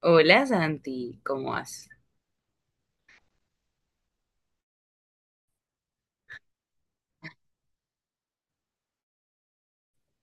Hola Santi, ¿cómo vas?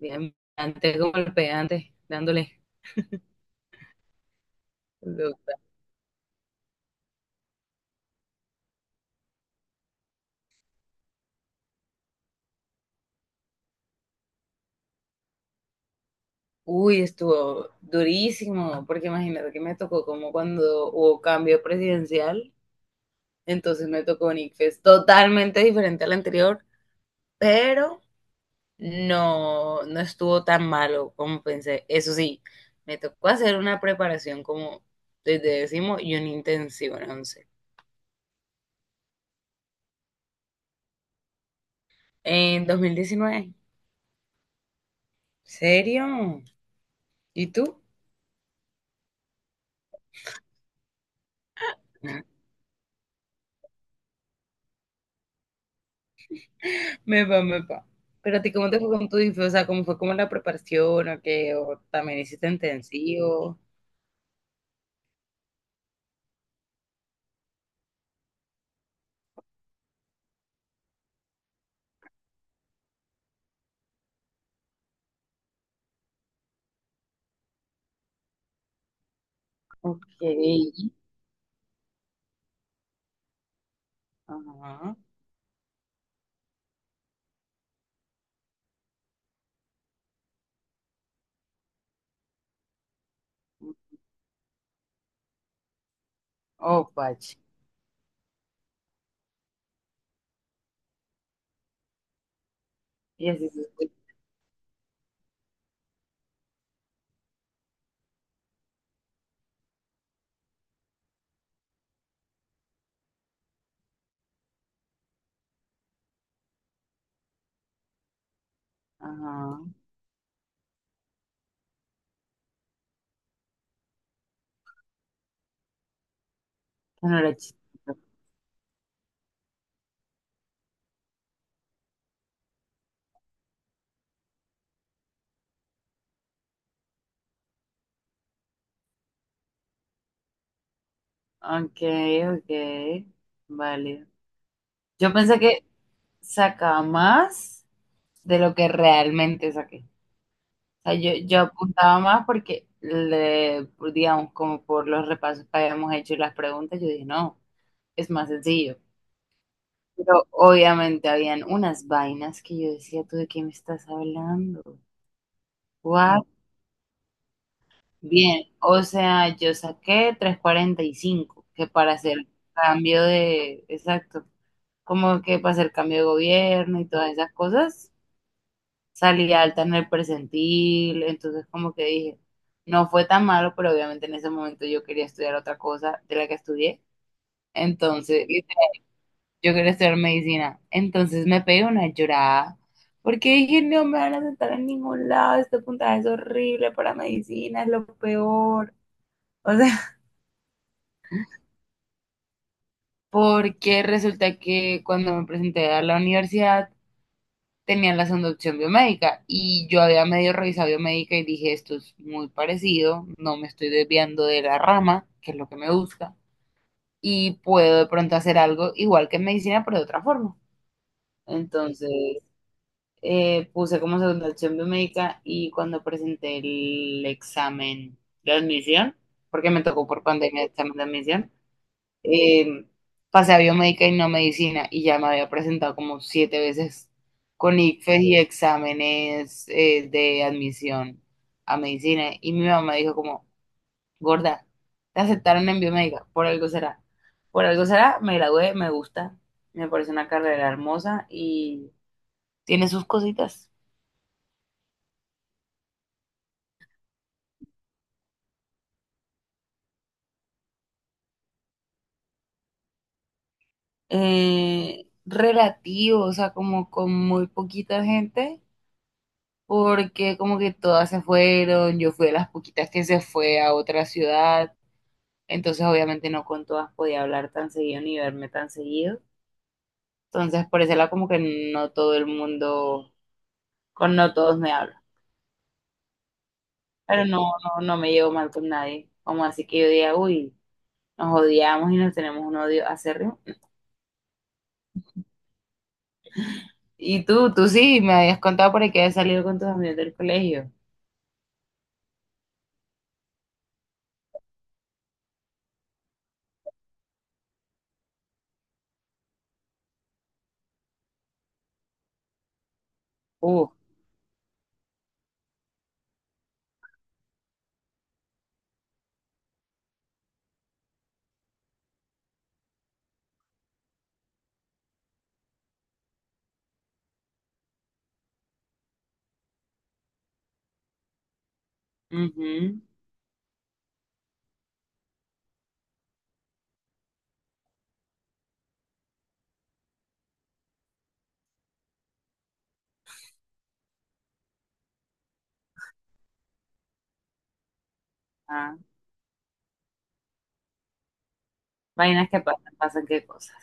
Bien, antes como el pegante, dándole. Dura. Uy, estuvo durísimo, porque imagínate que me tocó como cuando hubo cambio presidencial, entonces me tocó un ICFES totalmente diferente al anterior, pero no estuvo tan malo como pensé. Eso sí, me tocó hacer una preparación como desde décimo y un intensivo en once. En 2019. ¿Serio? ¿Y tú? Me va, me va. Pero a ti, ¿cómo te fue con tu disfraz? O sea, ¿cómo fue como la preparación o qué? ¿O también hiciste intensivo? Ok. Ajá. Oh, pach. Y así sucede. Ajá. Ah, no era chistoso. Ok, ok. Vale. Yo pensé que sacaba más de lo que realmente saqué. O sea, yo apuntaba más porque, le, digamos, como por los repasos que habíamos hecho y las preguntas, yo dije, no, es más sencillo. Pero obviamente habían unas vainas que yo decía, ¿tú de qué me estás hablando? What? Bien, o sea, yo saqué tres cuarenta y cinco que para hacer cambio de, exacto, como que para hacer cambio de gobierno y todas esas cosas, salí alta en el percentil, entonces como que dije, no fue tan malo, pero obviamente en ese momento yo quería estudiar otra cosa de la que estudié, entonces yo quería estudiar medicina. Entonces me pegué una llorada porque dije, no me van a sentar en ningún lado, este puntaje es horrible para medicina, es lo peor. O sea, porque resulta que cuando me presenté a la universidad tenían la segunda opción biomédica y yo había medio revisado biomédica y dije, esto es muy parecido, no me estoy desviando de la rama, que es lo que me gusta, y puedo de pronto hacer algo igual que en medicina, pero de otra forma. Entonces, puse como segunda opción biomédica y cuando presenté el examen de admisión, porque me tocó por pandemia el examen de admisión, eh, pasé a biomédica y no medicina y ya me había presentado como siete veces con ICFES y exámenes de admisión a medicina y mi mamá dijo como, gorda, te aceptaron en biomédica, por algo será. Por algo será, me gradué, me gusta, me parece una carrera hermosa y tiene sus cositas. Relativo, o sea, como con muy poquita gente, porque como que todas se fueron, yo fui de las poquitas que se fue a otra ciudad, entonces obviamente no con todas podía hablar tan seguido ni verme tan seguido, entonces por ese lado como que no todo el mundo, con no todos me hablo, pero no me llevo mal con nadie, como así que yo diga, uy, nos odiamos y nos tenemos un odio acérrimo. Y tú sí, me habías contado por ahí que habías salido con tus amigos del colegio. Uf. Ujú. Ah, vainas que pasan, pasan qué cosas.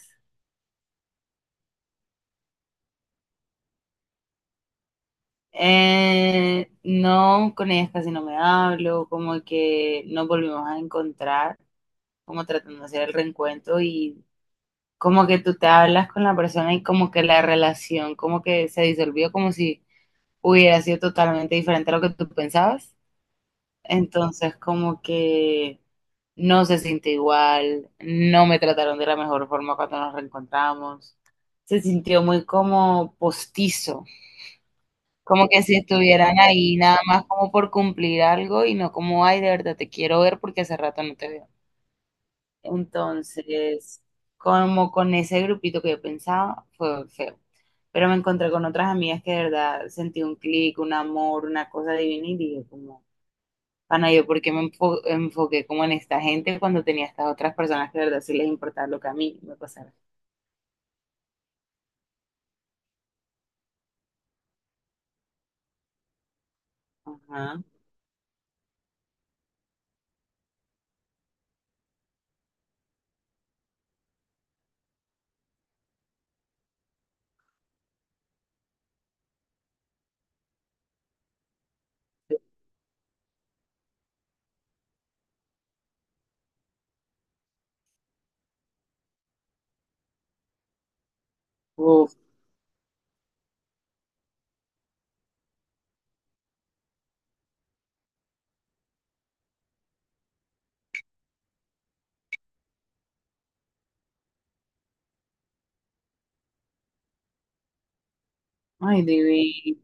No, con ellas casi no me hablo, como que nos volvimos a encontrar, como tratando de hacer el reencuentro y como que tú te hablas con la persona y como que la relación como que se disolvió, como si hubiera sido totalmente diferente a lo que tú pensabas. Entonces, como que no se siente igual, no me trataron de la mejor forma cuando nos reencontramos. Se sintió muy como postizo, como que si estuvieran ahí nada más como por cumplir algo y no como, ay, de verdad te quiero ver porque hace rato no te veo. Entonces, como con ese grupito que yo pensaba, fue feo. Pero me encontré con otras amigas que de verdad sentí un clic, un amor, una cosa divina y dije como... Ana, yo porque enfoqué como en esta gente cuando tenía estas otras personas que de verdad sí les importaba lo que a mí me pasara. Ajá. Uf, ay, divino.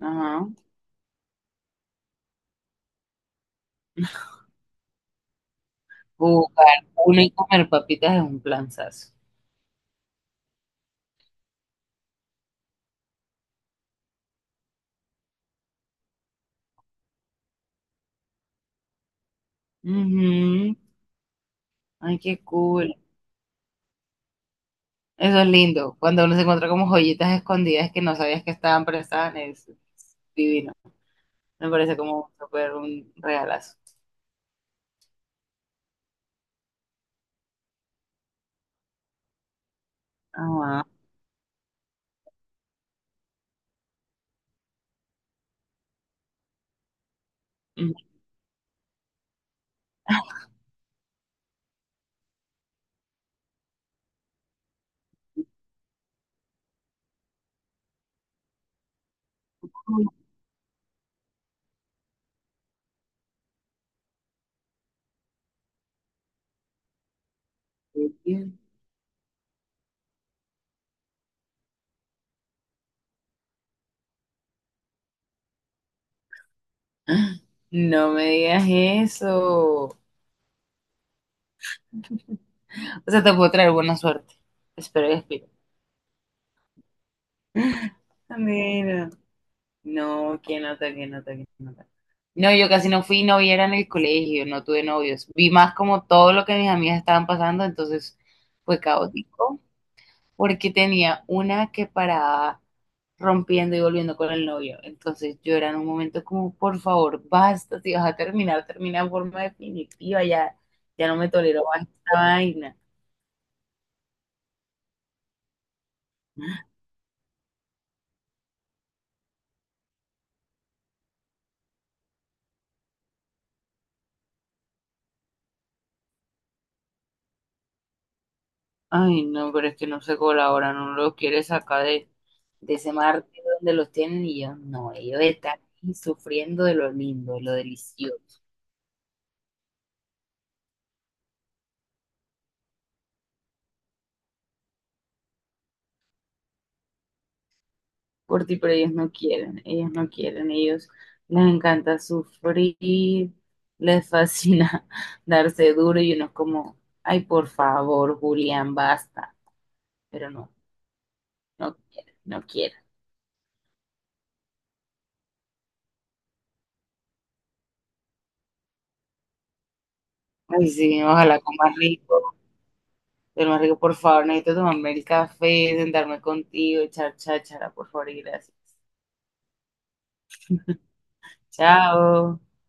Ajá. Jugar uno y comer papitas es un planzazo. Ujú. Ay, qué cool. Eso es lindo. Cuando uno se encuentra como joyitas escondidas que no sabías que estaban, pero estaban, es divino. Me parece como súper un regalazo. Ajá. Ujú. No me digas eso. O sea, te puedo traer buena suerte. Espero y espero. Mira, no, que nota, que nota, que nota. No, yo casi no fui novia era en el colegio, no tuve novios. Vi más como todo lo que mis amigas estaban pasando, entonces fue caótico, porque tenía una que paraba rompiendo y volviendo con el novio. Entonces yo era en un momento como, por favor, basta, si vas a terminar, termina en forma definitiva, ya, ya no me tolero más esta vaina. Ay, no, pero es que no se colaboran, no lo quiere sacar de ese mar donde los tienen y ellos no, ellos están ahí sufriendo de lo lindo, de lo delicioso. Por ti, pero ellos no quieren, ellos les encanta sufrir, les fascina darse duro y uno es como, ay, por favor, Julián, basta, pero no, no quieren. Ay, sí, ojalá comas rico. Del más rico, por favor, necesito tomarme el café, sentarme contigo, echar cháchara, por favor, y gracias. Chao.